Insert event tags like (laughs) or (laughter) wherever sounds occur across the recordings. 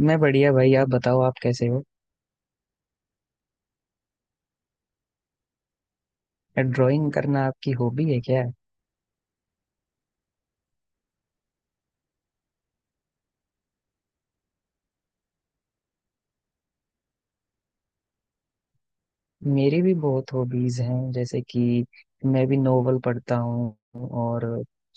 मैं बढ़िया भाई। आप बताओ, आप कैसे हो? ड्राइंग करना आपकी हॉबी है क्या? मेरी भी बहुत हॉबीज हैं, जैसे कि मैं भी नोवेल पढ़ता हूँ, और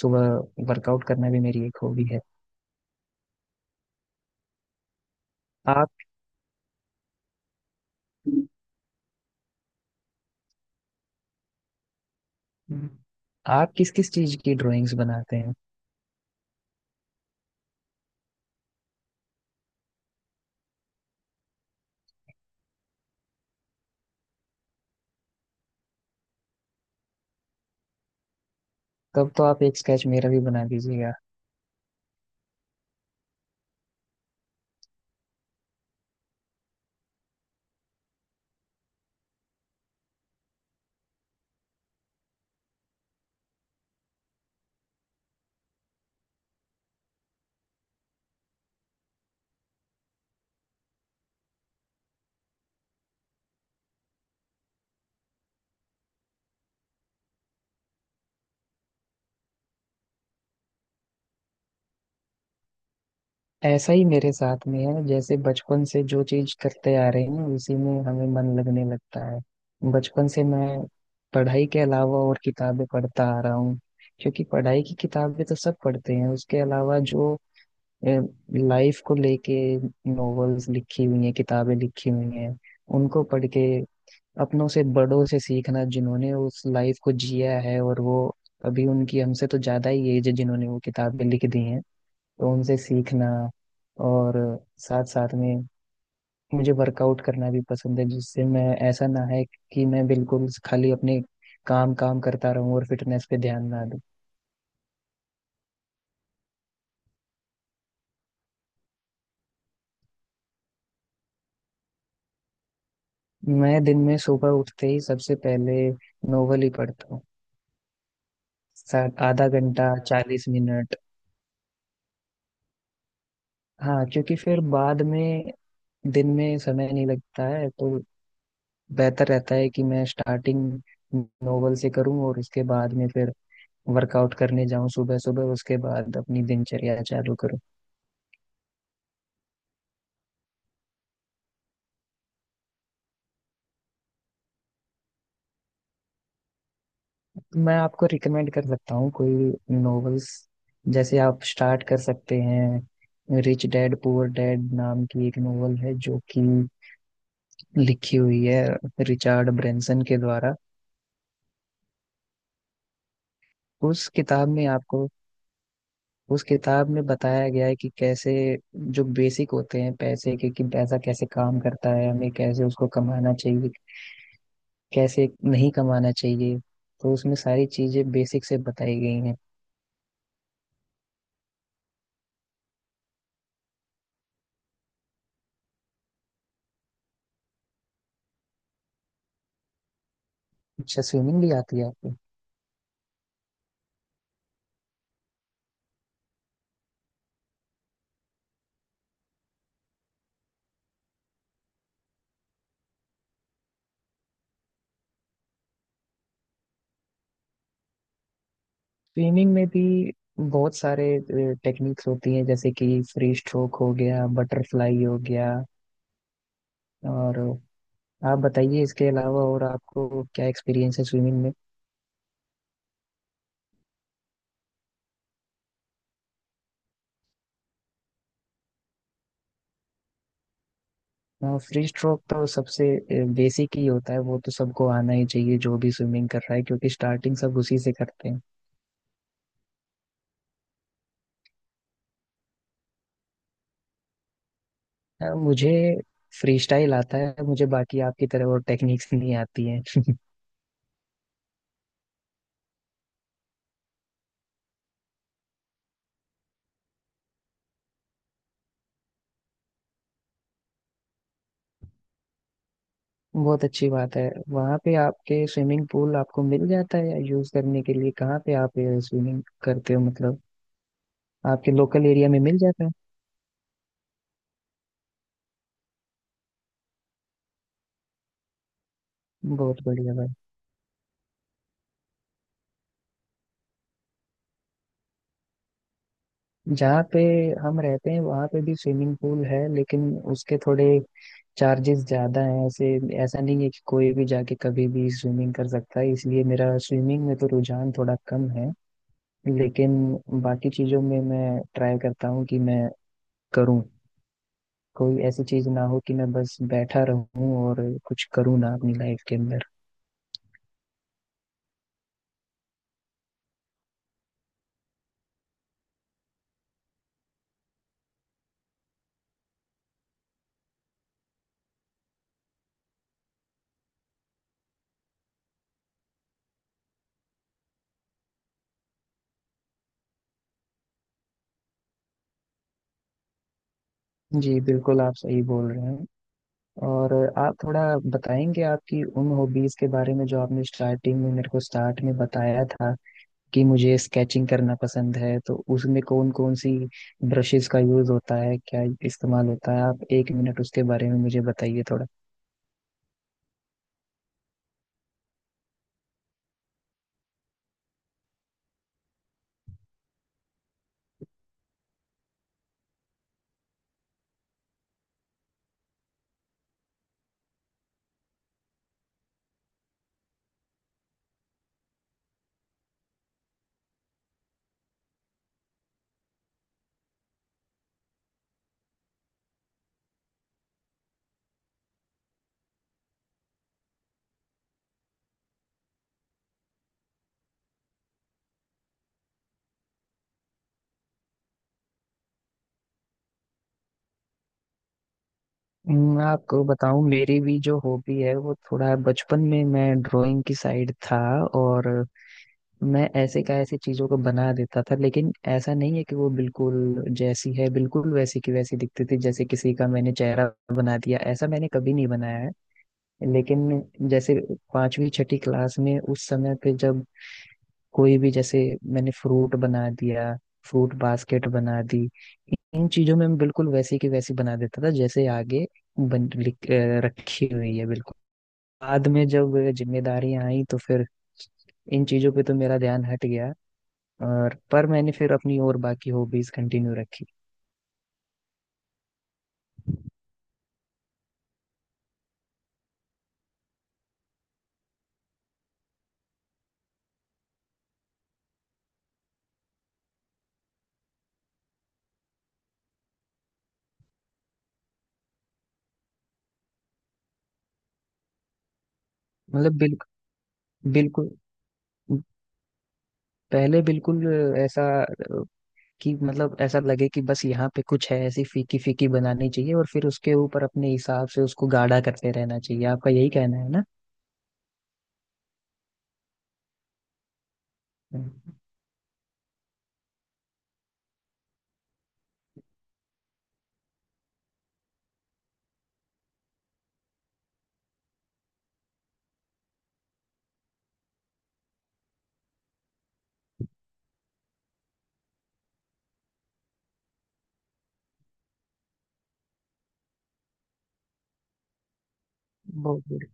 सुबह वर्कआउट करना भी मेरी एक हॉबी है। आप आप किस किस चीज की ड्राइंग्स बनाते हैं? तब तो आप एक स्केच मेरा भी बना दीजिएगा। ऐसा ही मेरे साथ में है, जैसे बचपन से जो चीज करते आ रहे हैं उसी में हमें मन लगने लगता है। बचपन से मैं पढ़ाई के अलावा और किताबें पढ़ता आ रहा हूँ, क्योंकि पढ़ाई की किताबें तो सब पढ़ते हैं। उसके अलावा जो लाइफ को लेके नॉवेल्स लिखी हुई हैं, किताबें लिखी हुई हैं, उनको पढ़ के अपनों से बड़ों से सीखना, जिन्होंने उस लाइफ को जिया है। और वो अभी, उनकी हमसे तो ज्यादा ही एज है जिन्होंने वो किताबें लिख दी हैं, तो उनसे सीखना। और साथ साथ में मुझे वर्कआउट करना भी पसंद है, जिससे मैं, ऐसा ना है कि मैं बिल्कुल खाली अपने काम काम करता रहूं और फिटनेस पे ध्यान ना दूं। मैं दिन में सुबह उठते ही सबसे पहले नोवेल ही पढ़ता हूँ, साथ आधा घंटा 40 मिनट। हाँ, क्योंकि फिर बाद में दिन में समय नहीं लगता है, तो बेहतर रहता है कि मैं स्टार्टिंग नोवेल से करूँ और उसके बाद में फिर वर्कआउट करने जाऊं सुबह सुबह, उसके बाद अपनी दिनचर्या चालू करूं। मैं आपको रिकमेंड कर सकता हूँ कोई नॉवेल्स, जैसे आप स्टार्ट कर सकते हैं, रिच डैड पुअर डैड नाम की एक नॉवल है जो कि लिखी हुई है रिचार्ड ब्रेंसन के द्वारा। उस किताब में आपको, उस किताब में बताया गया है कि कैसे जो बेसिक होते हैं पैसे के, कि पैसा कैसे काम करता है, हमें कैसे उसको कमाना चाहिए, कैसे नहीं कमाना चाहिए। तो उसमें सारी चीजें बेसिक से बताई गई हैं। अच्छा, स्विमिंग भी आती है आपको? स्विमिंग में भी बहुत सारे टेक्निक्स होती हैं, जैसे कि फ्री स्ट्रोक हो गया, बटरफ्लाई हो गया। और आप बताइए, इसके अलावा और आपको क्या एक्सपीरियंस है स्विमिंग में? फ्री स्ट्रोक तो सबसे बेसिक ही होता है, वो तो सबको आना ही चाहिए जो भी स्विमिंग कर रहा है, क्योंकि स्टार्टिंग सब उसी से करते हैं। मुझे फ्री स्टाइल आता है, मुझे बाकी आपकी तरह वो टेक्निक्स नहीं आती हैं। बहुत अच्छी बात है। वहाँ पे आपके स्विमिंग पूल आपको मिल जाता है या यूज करने के लिए? कहाँ पे आप स्विमिंग करते हो मतलब, आपके लोकल एरिया में मिल जाता है? बहुत बढ़िया भाई। जहाँ पे हम रहते हैं वहाँ पे भी स्विमिंग पूल है, लेकिन उसके थोड़े चार्जेस ज्यादा हैं, ऐसे ऐसा नहीं है कि कोई भी जाके कभी भी स्विमिंग कर सकता है, इसलिए मेरा स्विमिंग में तो रुझान थोड़ा कम है। लेकिन बाकी चीजों में मैं ट्राई करता हूँ कि मैं करूँ, कोई ऐसी चीज ना हो कि मैं बस बैठा रहूं और कुछ करूं ना अपनी लाइफ के अंदर। जी बिल्कुल, आप सही बोल रहे हैं। और आप थोड़ा बताएंगे आपकी उन हॉबीज के बारे में जो आपने स्टार्टिंग में मेरे को, स्टार्ट में बताया था कि मुझे स्केचिंग करना पसंद है, तो उसमें कौन कौन सी ब्रशेस का यूज होता है, क्या इस्तेमाल होता है? आप एक मिनट उसके बारे में मुझे बताइए थोड़ा। आपको बताऊं, मेरी भी जो हॉबी है वो, थोड़ा बचपन में मैं ड्राइंग की साइड था। और मैं ऐसे का ऐसे चीजों को बना देता था, लेकिन ऐसा नहीं है कि वो बिल्कुल जैसी है बिल्कुल वैसी की वैसी दिखती थी। जैसे किसी का मैंने चेहरा बना दिया, ऐसा मैंने कभी नहीं बनाया है। लेकिन जैसे पांचवी छठी क्लास में, उस समय पे जब कोई भी, जैसे मैंने फ्रूट बना दिया, फ्रूट बास्केट बना दी, इन चीजों में मैं बिल्कुल वैसी की वैसी बना देता था, जैसे आगे रखी हुई है बिल्कुल। बाद में जब जिम्मेदारियां आई तो फिर इन चीजों पे तो मेरा ध्यान हट गया। और पर मैंने फिर अपनी और बाकी हॉबीज कंटिन्यू रखी। मतलब बिल्कुल, बिल्कुल पहले बिल्कुल ऐसा कि मतलब ऐसा लगे कि बस यहाँ पे कुछ है, ऐसी फीकी फीकी बनानी चाहिए और फिर उसके ऊपर अपने हिसाब से उसको गाढ़ा करते रहना चाहिए। आपका यही कहना है ना? हम्म। बहुत बढ़िया।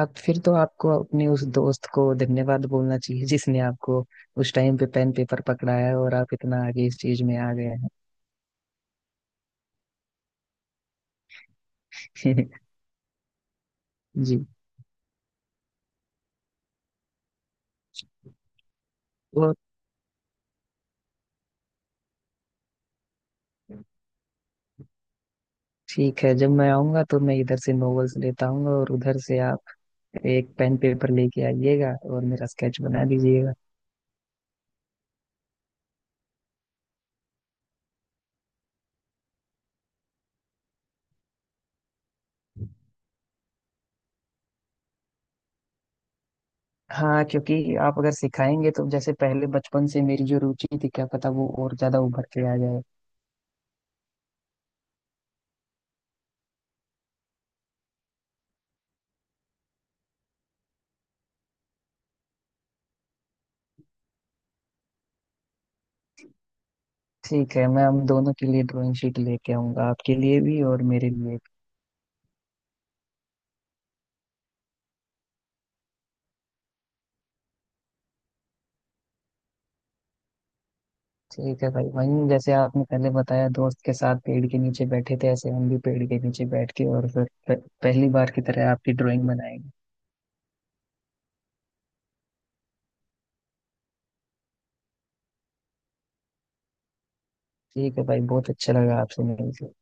आप फिर तो आपको अपने उस दोस्त को धन्यवाद बोलना चाहिए जिसने आपको उस टाइम पे पेन पेपर पकड़ाया, और आप इतना आगे इस चीज में आ गए हैं। (laughs) जी। और ठीक है, जब मैं आऊंगा तो मैं इधर से नॉवेल्स लेता आऊंगा, और उधर से आप एक पेन पेपर लेके आइएगा और मेरा स्केच बना दीजिएगा। हाँ, क्योंकि आप अगर सिखाएंगे तो जैसे पहले बचपन से मेरी जो रुचि थी, क्या पता वो और ज्यादा उभर के आ जाए। ठीक है, मैं हम दोनों के लिए ड्राइंग शीट लेके आऊंगा, आपके लिए भी और मेरे लिए भी। ठीक है भाई, वहीं जैसे आपने पहले बताया दोस्त के साथ पेड़ के नीचे बैठे थे, ऐसे हम भी पेड़ के नीचे बैठ के और फिर पहली बार की तरह आपकी ड्राइंग बनाएंगे। ठीक है भाई, बहुत अच्छा लगा आपसे मिलकर।